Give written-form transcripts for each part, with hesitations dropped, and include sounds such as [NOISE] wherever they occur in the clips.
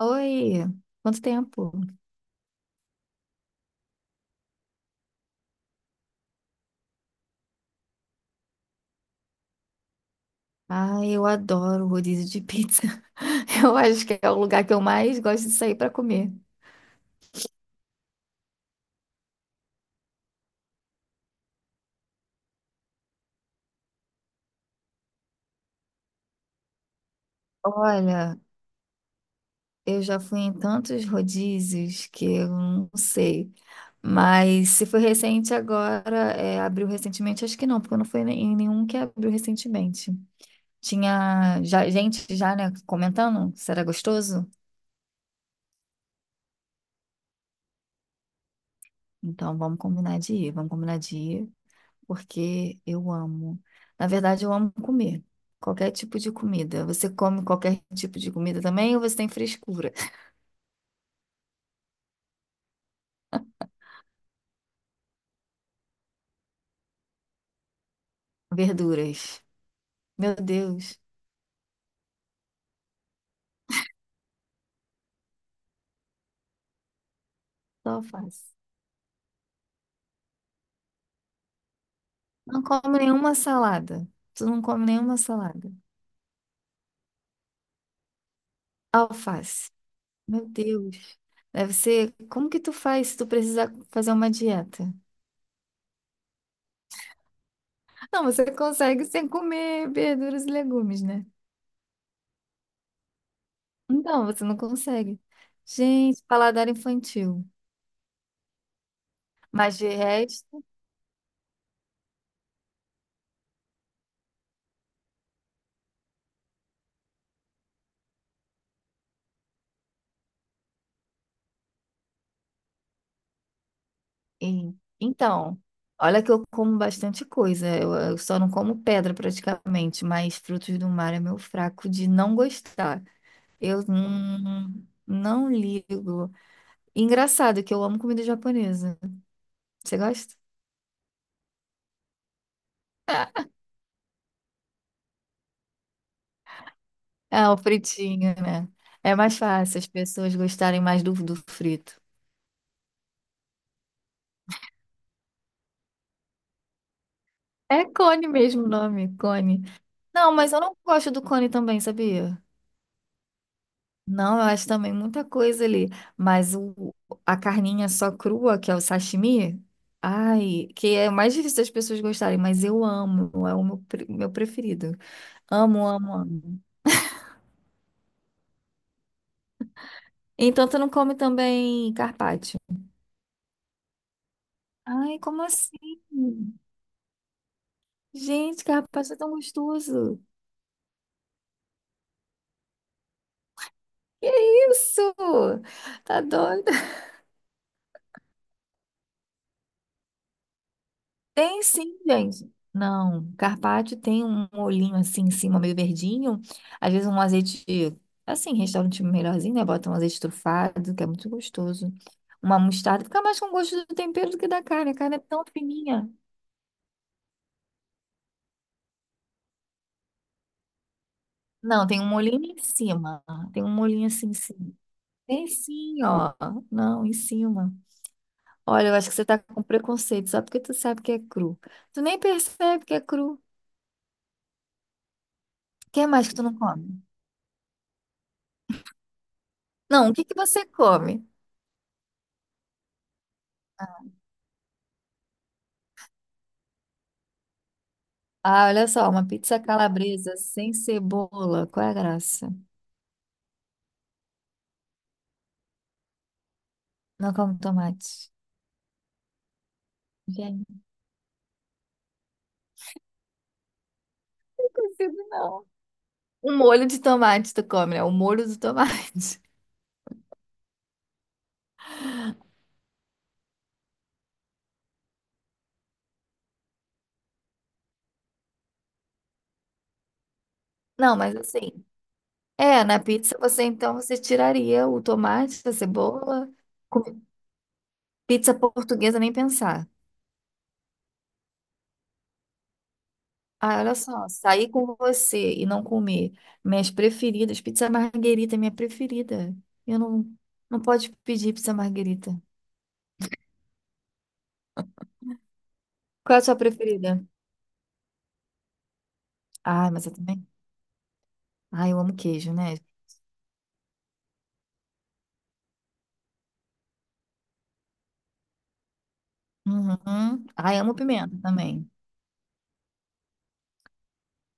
Oi, quanto tempo? Ai, eu adoro rodízio de pizza. [LAUGHS] Eu acho que é o lugar que eu mais gosto de sair para comer. Olha, eu já fui em tantos rodízios que eu não sei. Mas se foi recente agora, é, abriu recentemente, acho que não, porque eu não fui em nenhum que abriu recentemente. Tinha já, gente já, né, comentando se era gostoso. Então vamos combinar de ir, vamos combinar de ir. Porque eu amo. Na verdade, eu amo comer. Qualquer tipo de comida. Você come qualquer tipo de comida também ou você tem frescura? [LAUGHS] Verduras. Meu Deus, só alface. Não come nenhuma salada. Tu não come nenhuma salada. Alface. Meu Deus. Deve ser. Como que tu faz se tu precisar fazer uma dieta? Não, você consegue sem comer verduras e legumes, né? Então, você não consegue. Gente, paladar infantil. Mas de resto. E- Então, olha que eu como bastante coisa. Eu só não como pedra praticamente, mas frutos do mar é meu fraco de não gostar. Eu não, não ligo. Engraçado que eu amo comida japonesa. Você gosta? [LAUGHS] É, é o fritinho, né? É mais fácil as pessoas gostarem mais do frito. É cone mesmo o nome, cone. Não, mas eu não gosto do cone também, sabia? Não, eu acho também muita coisa ali. Mas o, a carninha só crua, que é o sashimi, ai, que é o mais difícil das pessoas gostarem, mas eu amo, é o meu, meu preferido. Amo, amo, amo. Então tu não come também carpaccio? Ai, como assim? Gente, carpaccio é tão gostoso. Que isso? Tá doido? Tem sim, gente. Não, carpaccio tem um olhinho assim em cima, meio verdinho. Às vezes um azeite, assim, restaurante melhorzinho, né? Bota um azeite trufado, que é muito gostoso. Uma mostarda, fica mais com gosto do tempero do que da carne. A carne é tão fininha. Não, tem um molhinho em cima. Tem um molhinho assim em cima. Tem sim, ó. Não, em cima. Olha, eu acho que você tá com preconceito, só porque tu sabe que é cru. Tu nem percebe que é cru. O que mais que tu não come? Não, o que que você come? Ah, olha só, uma pizza calabresa sem cebola. Qual é a graça? Não como tomate. Gente, não consigo, não. Um molho de tomate tu come, né? O molho do tomate. [LAUGHS] Não, mas assim, é, na pizza você então você tiraria o tomate, a cebola. Com- Pizza portuguesa nem pensar. Ah, olha só, sair com você e não comer minhas preferidas, pizza marguerita é minha preferida. Eu não, não pode pedir pizza marguerita. Qual é a sua preferida? Ah, mas eu também. Ai, eu amo queijo, né? Uhum. Ai, amo pimenta também.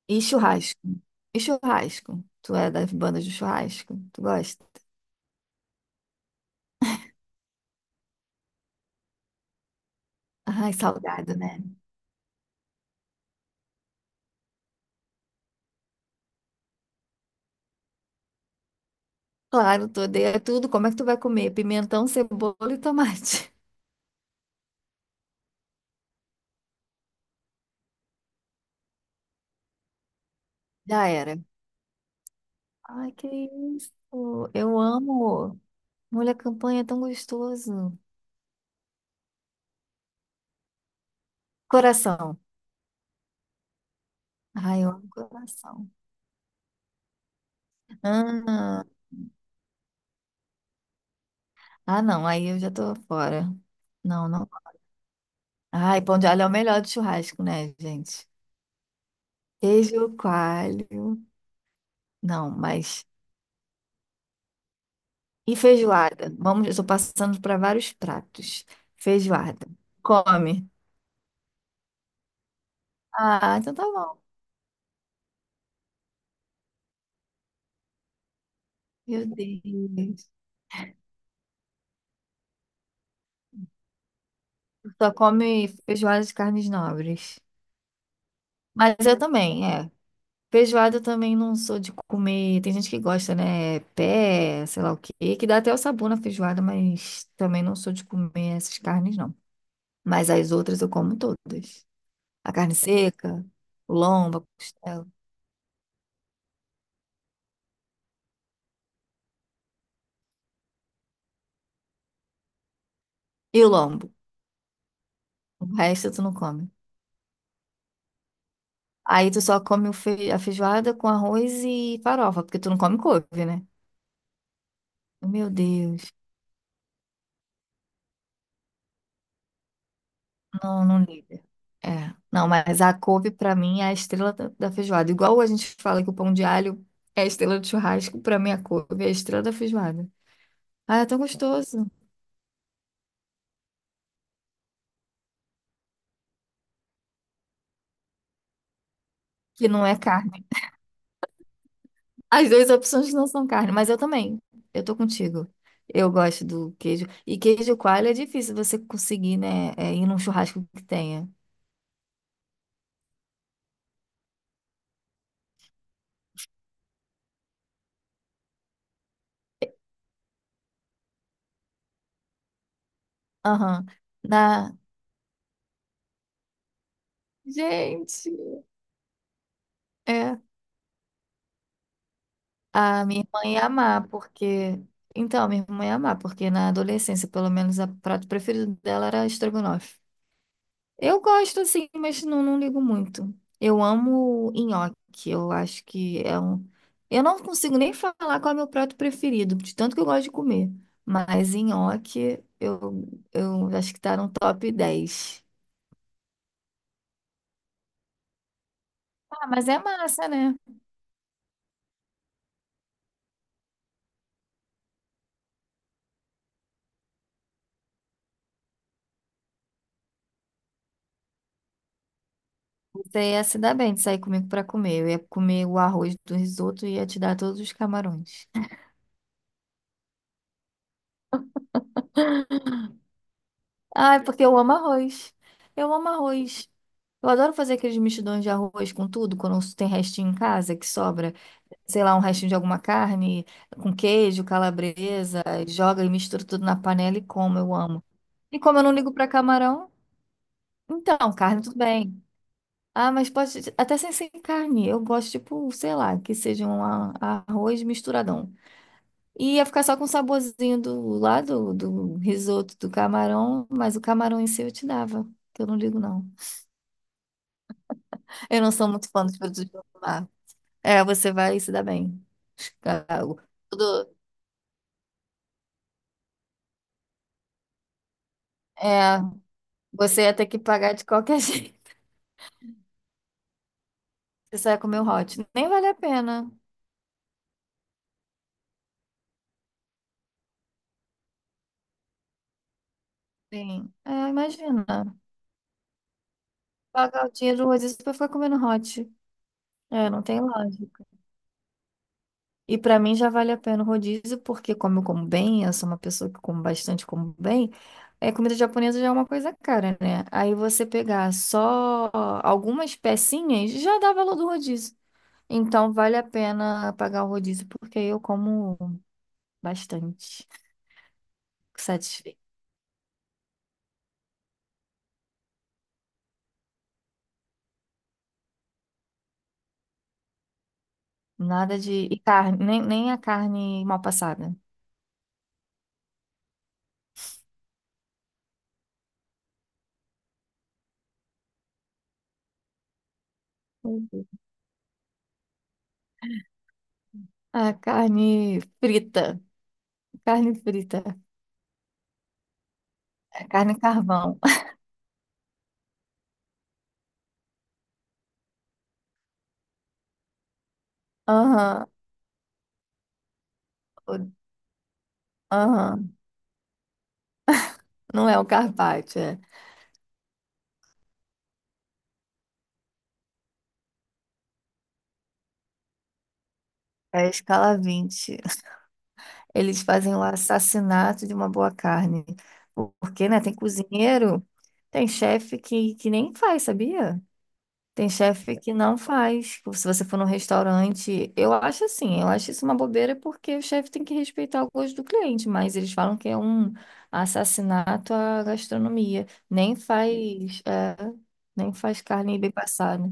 E churrasco. E churrasco? Tu é das bandas de churrasco? Tu gosta? Ai, salgado, né? Claro, tu odeia tudo. Como é que tu vai comer? Pimentão, cebola e tomate. [LAUGHS] Já era. Ai, que isso. Eu amo. Molho à campanha é tão gostoso. Coração. Ai, eu amo coração. Ah, ah, não. Aí eu já tô fora. Não, não. Ai, pão de alho é o melhor de churrasco, né, gente? Queijo coalho. Não, mas. E feijoada? Vamos, eu estou passando para vários pratos. Feijoada. Come. Ah, então tá bom. Meu Deus. Só come feijoada de carnes nobres. Mas eu também, é. Feijoada eu também não sou de comer. Tem gente que gosta, né? Pé, sei lá o quê, que dá até o sabor na feijoada, mas também não sou de comer essas carnes, não. Mas as outras eu como todas. A carne seca, o lombo, a costela. E o lombo? O resto tu não come. Aí tu só come o a feijoada com arroz e farofa, porque tu não come couve, né? Meu Deus. Não, não liga. É. Não, mas a couve pra mim é a estrela da feijoada. Igual a gente fala que o pão de alho é a estrela do churrasco, pra mim a couve é a estrela da feijoada. Ah, é tão gostoso. Que não é carne. As duas opções não são carne, mas eu também. Eu tô contigo. Eu gosto do queijo. E queijo coalho é difícil você conseguir, né? É, ir num churrasco que tenha. Aham. Na, gente, é. A minha irmã ia amar, porque. Então, a minha irmã ia amar, porque na adolescência, pelo menos, o prato preferido dela era estrogonofe. Eu gosto, assim, mas não, não ligo muito. Eu amo nhoque, eu acho que é um. Eu não consigo nem falar qual é o meu prato preferido, de tanto que eu gosto de comer. Mas nhoque, eu acho que tá no top 10. Ah, mas é massa, né? Você ia se dar bem de sair comigo pra comer. Eu ia comer o arroz do risoto e ia te dar todos os camarões. Ai, porque eu amo arroz. Eu amo arroz. Eu adoro fazer aqueles mexidões de arroz com tudo, quando tem restinho em casa que sobra, sei lá, um restinho de alguma carne, com queijo, calabresa, joga e mistura tudo na panela e como, eu amo. E como eu não ligo pra camarão, então, carne tudo bem. Ah, mas pode, até sem, sem carne, eu gosto, tipo, sei lá, que seja um arroz misturadão. E ia ficar só com o saborzinho do lá do risoto do camarão, mas o camarão em si eu te dava, que eu não ligo não. Eu não sou muito fã dos produtos do mar. É, você vai se dar bem. Cago. Tudo, é, você ia ter que pagar de qualquer [LAUGHS] jeito. Você só ia comer o hot. Nem vale a pena. Sim. É, imagina. Pagar o dinheiro do rodízio pra ficar comendo hot. É, não tem lógica. E para mim já vale a pena o rodízio, porque como eu como bem, eu sou uma pessoa que como bastante, como bem, é, comida japonesa já é uma coisa cara, né? Aí você pegar só algumas pecinhas já dá valor do rodízio. Então vale a pena pagar o rodízio, porque eu como bastante, fico satisfeita. Nada de... E carne, nem, nem a carne mal passada. Uhum. A carne frita, carne frita, carne carvão. [LAUGHS] Aham, o- aham. Não é o carpaccio, é. É a escala 20. Eles fazem o assassinato de uma boa carne. Porque, né, tem cozinheiro, tem chefe que nem faz, sabia? Tem chefe que não faz. Se você for num restaurante, eu acho assim, eu acho isso uma bobeira porque o chefe tem que respeitar o gosto do cliente, mas eles falam que é um assassinato à gastronomia. Nem faz, é, nem faz carne bem passada.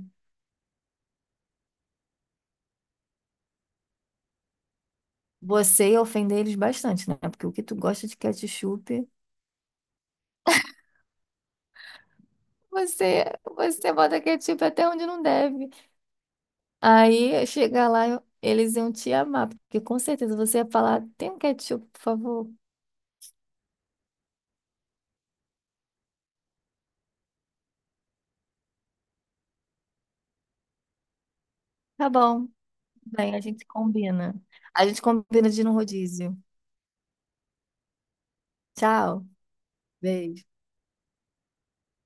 Você ia ofender eles bastante, né? Porque o que tu gosta de ketchup, você, você bota ketchup até onde não deve. Aí chegar lá, eles iam te amar, porque com certeza você ia falar: tem um ketchup, por favor? Tá bom. Bem, a gente combina. A gente combina de ir no rodízio. Tchau. Beijo.